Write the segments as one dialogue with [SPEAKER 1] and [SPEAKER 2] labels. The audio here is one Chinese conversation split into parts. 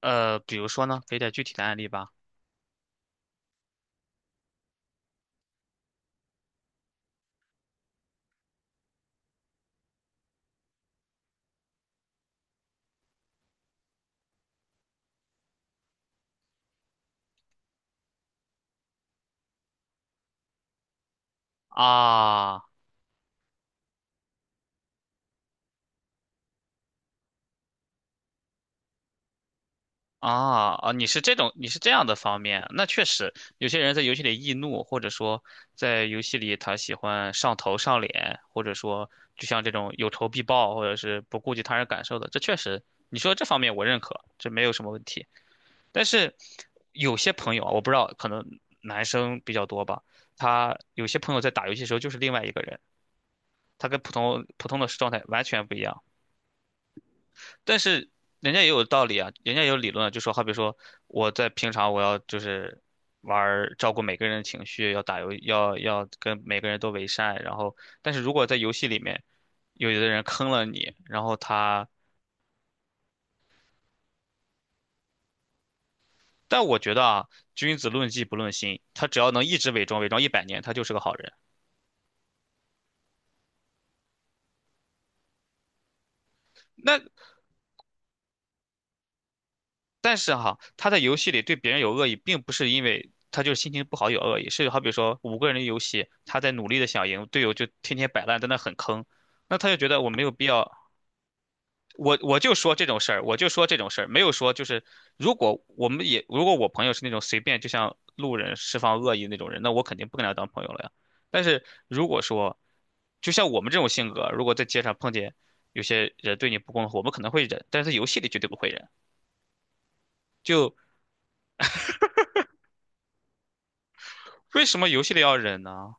[SPEAKER 1] 比如说呢，给点具体的案例吧。啊啊啊！你是这种，你是这样的方面，那确实。有些人在游戏里易怒，或者说在游戏里他喜欢上头上脸，或者说就像这种有仇必报，或者是不顾及他人感受的，这确实，你说这方面我认可，这没有什么问题。但是有些朋友啊，我不知道，可能男生比较多吧，他有些朋友在打游戏的时候就是另外一个人，他跟普通的状态完全不一样。但是人家也有道理啊，人家也有理论啊，就说好比说我在平常我要就是玩儿照顾每个人的情绪，要打游要跟每个人都为善，然后但是如果在游戏里面有的人坑了你，然后他，但我觉得啊，君子论迹不论心，他只要能一直伪装100年，他就是个好人。那但是哈，他在游戏里对别人有恶意，并不是因为他就是心情不好有恶意，是好比说五个人的游戏，他在努力的想赢，队友就天天摆烂，在那很坑，那他就觉得我没有必要。我就说这种事儿，我就说这种事儿，没有说就是如果我们也如果我朋友是那种随便就像路人释放恶意那种人，那我肯定不跟他当朋友了呀。但是如果说就像我们这种性格，如果在街上碰见有些人对你不公，我们可能会忍，但是在游戏里绝对不会忍。就为什么游戏里要忍呢？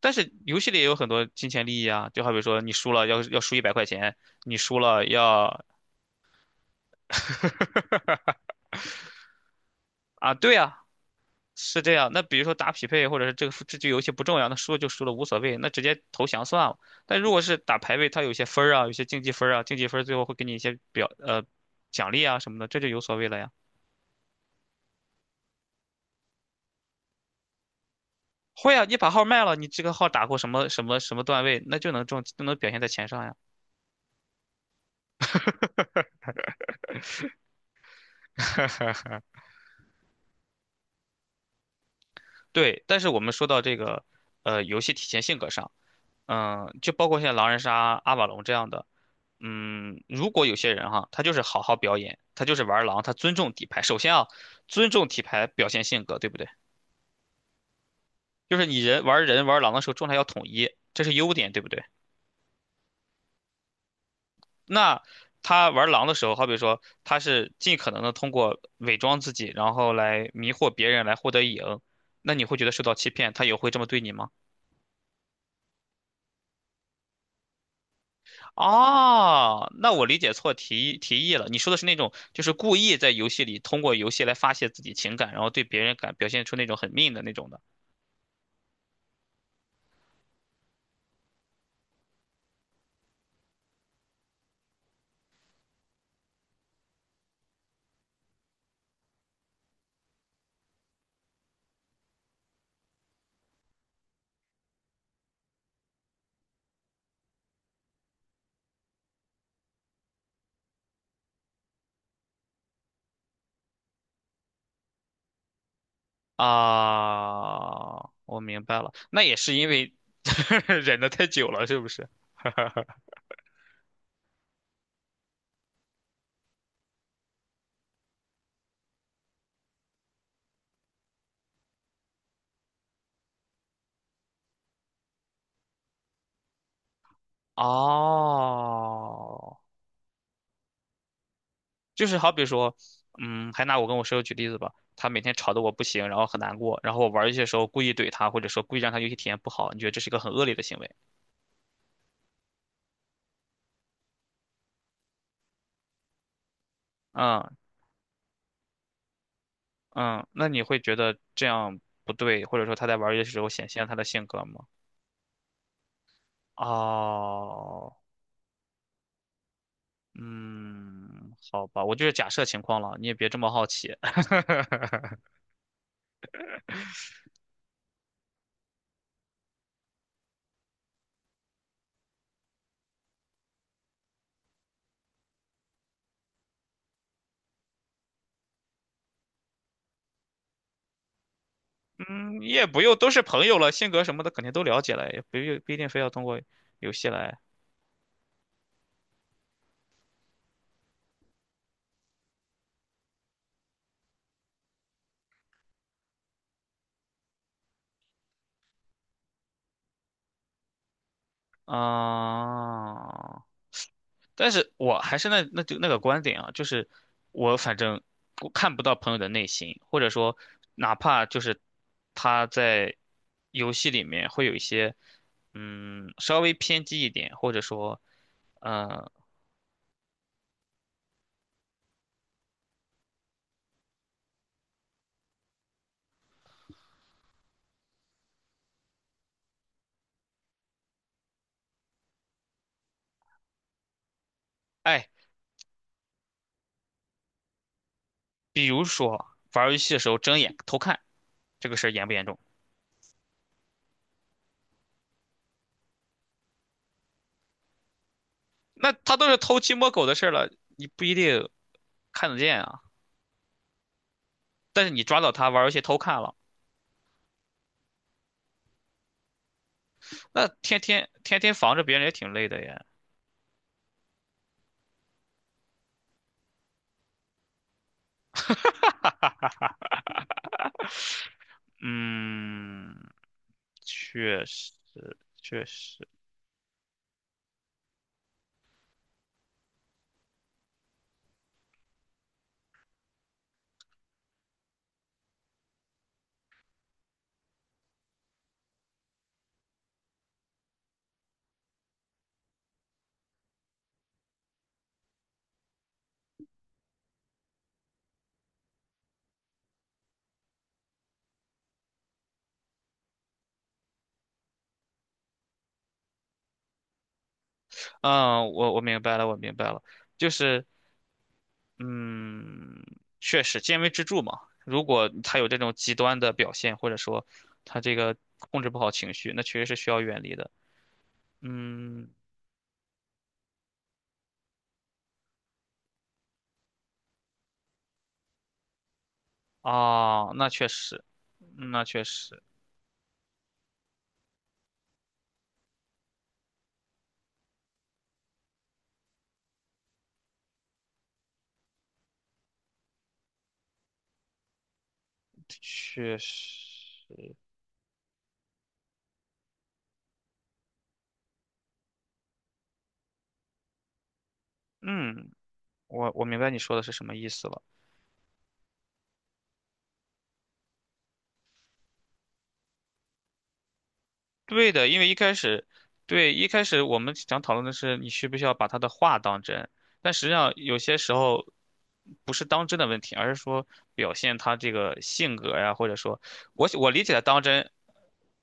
[SPEAKER 1] 但是游戏里也有很多金钱利益啊，就好比说你输了要输100块钱，你输了要啊，对啊，是这样。那比如说打匹配，或者是这个这局游戏不重要，那输了就输了无所谓，那直接投降算了。但如果是打排位，它有些分儿啊，有些竞技分儿啊，竞技分儿最后会给你一些表奖励啊什么的，这就有所谓了呀。会啊，你把号卖了，你这个号打过什么什么什么段位，那就能中，就能表现在钱上呀。对，但是我们说到这个，游戏体现性格上。嗯，就包括像狼人杀、阿瓦隆这样的。嗯，如果有些人哈，他就是好好表演，他就是玩狼，他尊重底牌。首先啊，尊重底牌表现性格，对不对？就是你人玩狼的时候状态要统一，这是优点，对不对？那他玩狼的时候，好比说他是尽可能的通过伪装自己，然后来迷惑别人，来获得赢，那你会觉得受到欺骗，他也会这么对你吗？哦，那我理解错提议了。你说的是那种，就是故意在游戏里通过游戏来发泄自己情感，然后对别人感表现出那种很命的那种的啊。我明白了，那也是因为 忍得太久了，是不是？哦，就是好比说，嗯，还拿我跟我室友举例子吧，他每天吵得我不行，然后很难过，然后我玩儿游戏的时候故意怼他，或者说故意让他游戏体验不好，你觉得这是一个很恶劣的行为？嗯。嗯，那你会觉得这样不对，或者说他在玩儿游戏的时候显现了他的性格吗？哦，嗯，好吧，我就是假设情况了，你也别这么好奇。嗯，你也不用，都是朋友了，性格什么的肯定都了解了，也不用不一定非要通过游戏来。啊、但是我还是那个观点啊，就是我反正我看不到朋友的内心，或者说哪怕就是他在游戏里面会有一些稍微偏激一点，或者说嗯哎，比如说玩儿游戏的时候睁眼偷看这个事儿严不严重？那他都是偷鸡摸狗的事儿了，你不一定看得见啊。但是你抓到他玩儿游戏偷看了，那天天防着别人也挺累的呀。嗯，确实，确实。嗯，我明白了，我明白了，就是，嗯，确实，见微知著嘛。如果他有这种极端的表现，或者说他这个控制不好情绪，那确实是需要远离的。嗯，啊，那确实，那确实，确实。嗯，我明白你说的是什么意思了。对的，因为一开始，对，一开始我们想讨论的是你需不需要把他的话当真，但实际上有些时候不是当真的问题，而是说表现他这个性格呀，或者说我理解的当真，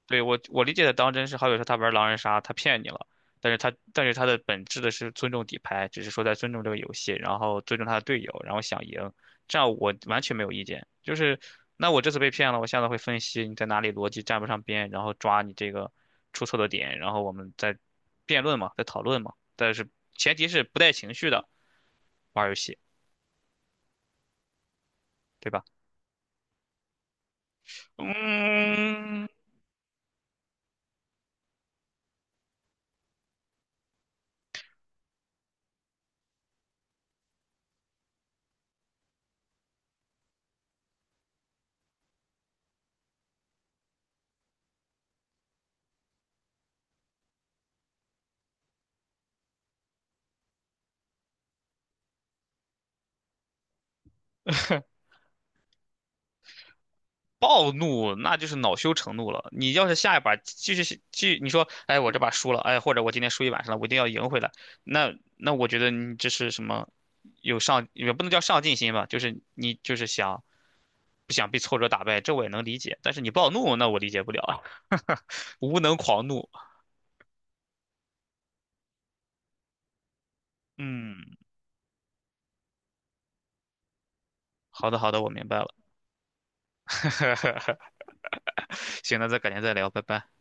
[SPEAKER 1] 对，我理解的当真是，好比说他玩狼人杀，他骗你了，但是他的本质的是尊重底牌，只是说在尊重这个游戏，然后尊重他的队友，然后想赢，这样我完全没有意见。就是那我这次被骗了，我下次会分析你在哪里逻辑站不上边，然后抓你这个出错的点，然后我们再辩论嘛，再讨论嘛。但是前提是不带情绪的玩儿游戏，对吧？嗯。暴怒，那就是恼羞成怒了。你要是下一把继续，你说，哎，我这把输了，哎，或者我今天输一晚上了，我一定要赢回来。那我觉得你这是什么？有上也不能叫上进心吧，就是你就是想不想被挫折打败，这我也能理解。但是你暴怒，那我理解不了啊。无能狂怒。嗯，好的好的，我明白了。行，那再改天再聊，拜拜。